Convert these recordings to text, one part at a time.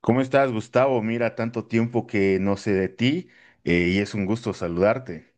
¿Cómo estás, Gustavo? Mira, tanto tiempo que no sé de ti y es un gusto saludarte.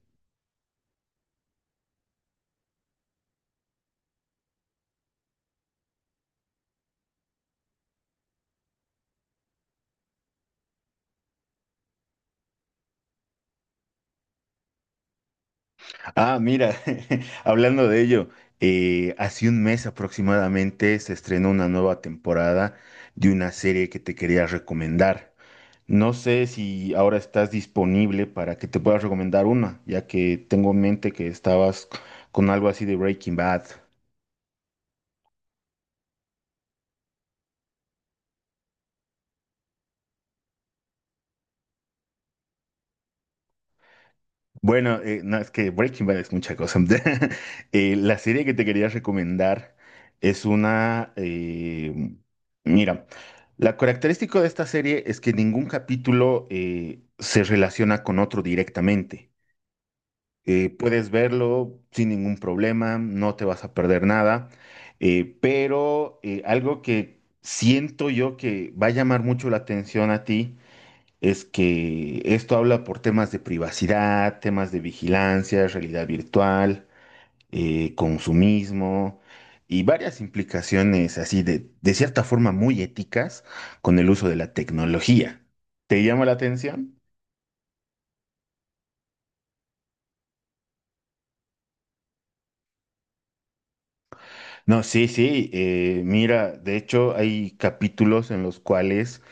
Ah, mira, hablando de ello, hace un mes aproximadamente se estrenó una nueva temporada de una serie que te quería recomendar. No sé si ahora estás disponible para que te pueda recomendar una, ya que tengo en mente que estabas con algo así de Breaking Bad. Bueno, no, es que Breaking Bad es mucha cosa. La serie que te quería recomendar es una... mira, la característica de esta serie es que ningún capítulo se relaciona con otro directamente. Puedes verlo sin ningún problema, no te vas a perder nada, algo que siento yo que va a llamar mucho la atención a ti es que esto habla por temas de privacidad, temas de vigilancia, realidad virtual, consumismo y varias implicaciones así de cierta forma muy éticas con el uso de la tecnología. ¿Te llama la atención? No, sí, sí, mira, de hecho hay capítulos en los cuales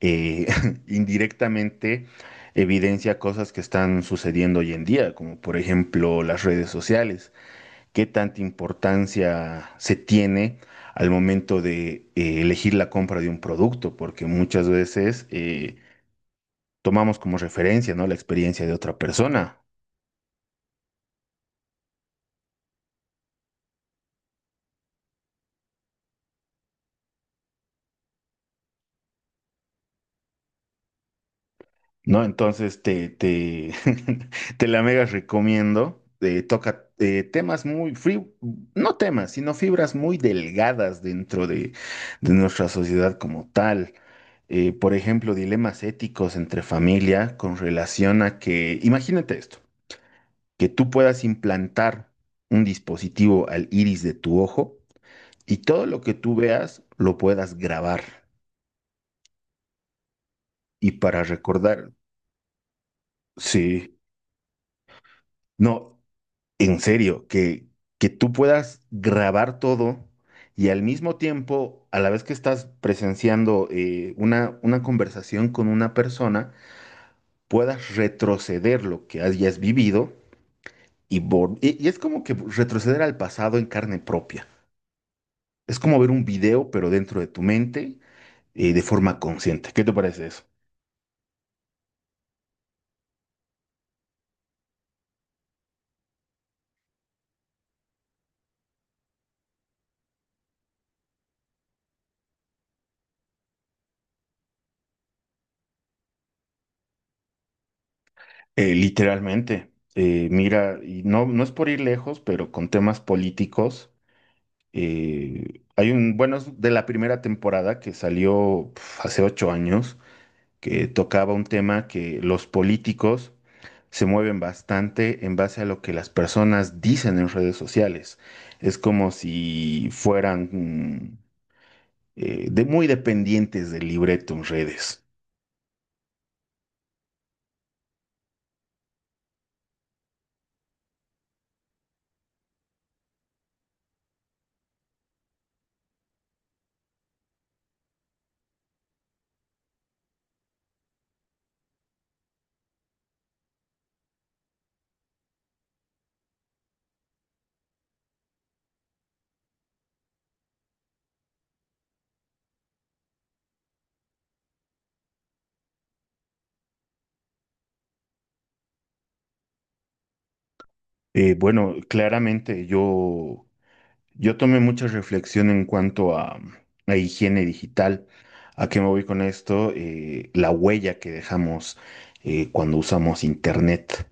eh, indirectamente evidencia cosas que están sucediendo hoy en día, como por ejemplo las redes sociales. Qué tanta importancia se tiene al momento de elegir la compra de un producto, porque muchas veces tomamos como referencia, ¿no? La experiencia de otra persona, ¿no? Entonces te la mega recomiendo. Toca temas muy, no temas, sino fibras muy delgadas dentro de nuestra sociedad como tal por ejemplo, dilemas éticos entre familia con relación a que, imagínate esto, que tú puedas implantar un dispositivo al iris de tu ojo y todo lo que tú veas lo puedas grabar. Y para recordar, sí, no, en serio, que tú puedas grabar todo y al mismo tiempo, a la vez que estás presenciando una conversación con una persona, puedas retroceder lo que hayas vivido y, y es como que retroceder al pasado en carne propia. Es como ver un video, pero dentro de tu mente de forma consciente. ¿Qué te parece eso? Literalmente, mira, y no, no es por ir lejos, pero con temas políticos, hay un, bueno, es de la primera temporada que salió pf, hace 8 años, que tocaba un tema que los políticos se mueven bastante en base a lo que las personas dicen en redes sociales. Es como si fueran de muy dependientes del libreto en redes. Bueno, claramente yo tomé mucha reflexión en cuanto a higiene digital. ¿A qué me voy con esto? La huella que dejamos cuando usamos internet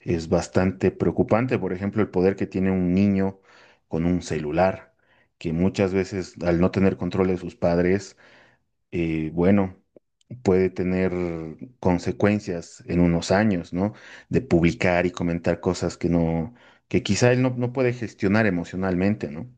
es bastante preocupante. Por ejemplo, el poder que tiene un niño con un celular, que muchas veces al no tener control de sus padres, bueno, puede tener consecuencias en unos años, ¿no? De publicar y comentar cosas que no, que quizá él no puede gestionar emocionalmente, ¿no?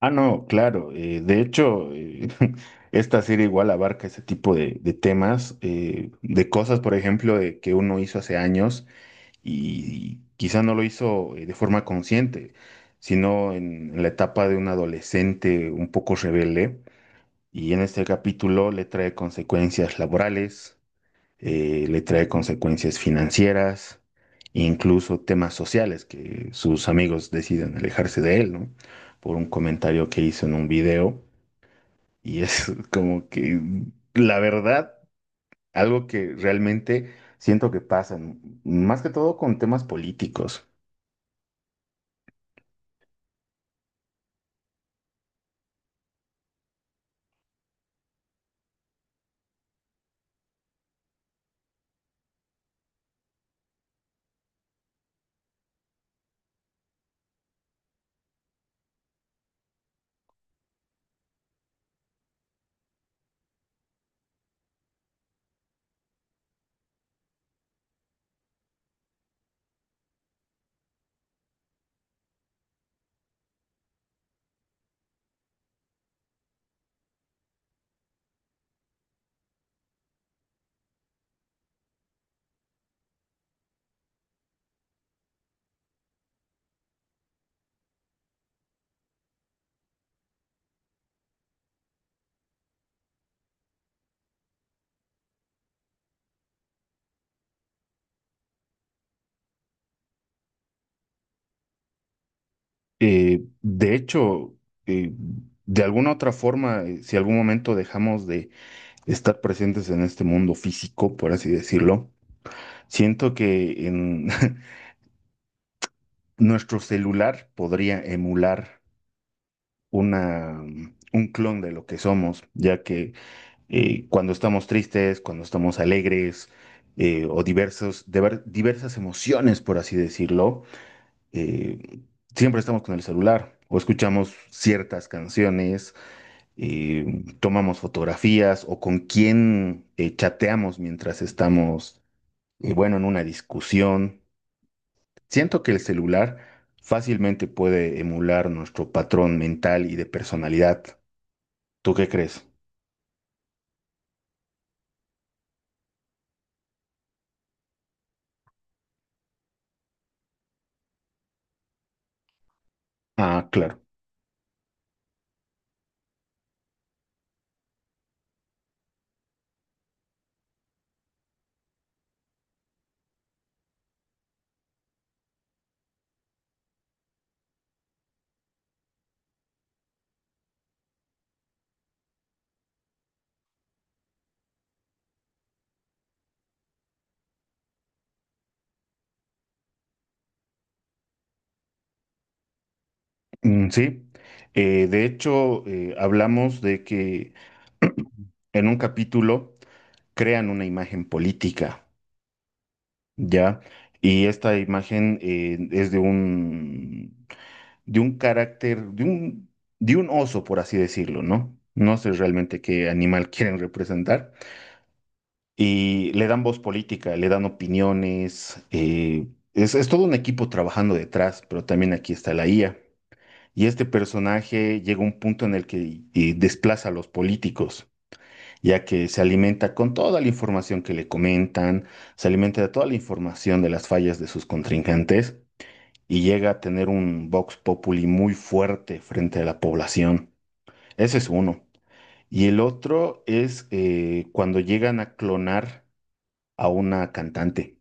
Ah, no, claro. De hecho, esta serie igual abarca ese tipo de temas, de cosas, por ejemplo, de que uno hizo hace años y quizá no lo hizo de forma consciente, sino en la etapa de un adolescente un poco rebelde. Y en este capítulo le trae consecuencias laborales, le trae consecuencias financieras, incluso temas sociales, que sus amigos deciden alejarse de él, ¿no? Por un comentario que hizo en un video. Y es como que, la verdad, algo que realmente siento que pasa, más que todo con temas políticos. De hecho, eh, de alguna otra forma, si algún momento dejamos de estar presentes en este mundo físico, por así decirlo, siento que en, nuestro celular podría emular una, un clon de lo que somos, ya que cuando estamos tristes, cuando estamos alegres o diversos, diversas emociones, por así decirlo, eh, siempre estamos con el celular o escuchamos ciertas canciones, tomamos fotografías o con quién chateamos mientras estamos, bueno, en una discusión. Siento que el celular fácilmente puede emular nuestro patrón mental y de personalidad. ¿Tú qué crees? Ah, claro. Mm, sí. De hecho, hablamos de que en un capítulo crean una imagen política, ¿ya? Y esta imagen es de un carácter, de un oso, por así decirlo, ¿no? No sé realmente qué animal quieren representar. Y le dan voz política, le dan opiniones. Es todo un equipo trabajando detrás, pero también aquí está la IA. Y este personaje llega a un punto en el que desplaza a los políticos, ya que se alimenta con toda la información que le comentan, se alimenta de toda la información de las fallas de sus contrincantes y llega a tener un vox populi muy fuerte frente a la población. Ese es uno. Y el otro es cuando llegan a clonar a una cantante.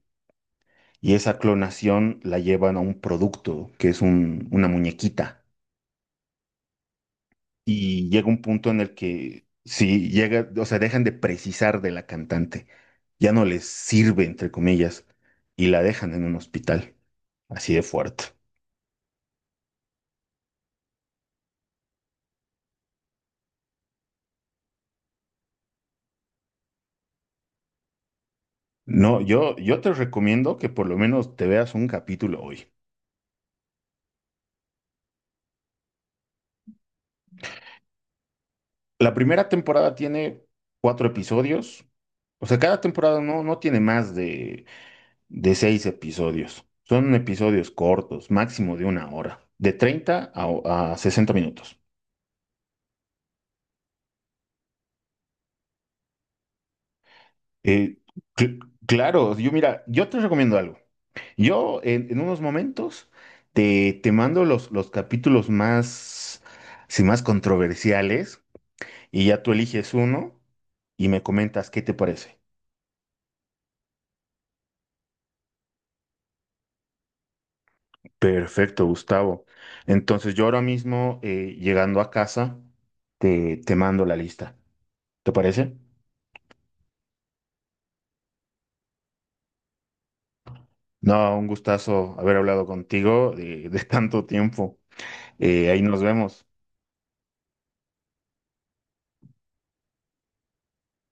Y esa clonación la llevan a un producto que es una muñequita. Y llega un punto en el que si llega, o sea, dejan de precisar de la cantante, ya no les sirve, entre comillas, y la dejan en un hospital, así de fuerte. No, yo te recomiendo que por lo menos te veas un capítulo hoy. La primera temporada tiene 4 episodios, o sea, cada temporada no, no tiene más de 6 episodios. Son episodios cortos, máximo de una hora, de 30 a 60 minutos. Eh, cl- claro, yo mira, yo te recomiendo algo. Yo en unos momentos te, te mando los capítulos más, sí, más controversiales y ya tú eliges uno y me comentas qué te parece. Perfecto, Gustavo. Entonces yo ahora mismo, llegando a casa, te mando la lista. ¿Te parece? No, un gustazo haber hablado contigo de tanto tiempo. Ahí nos vemos.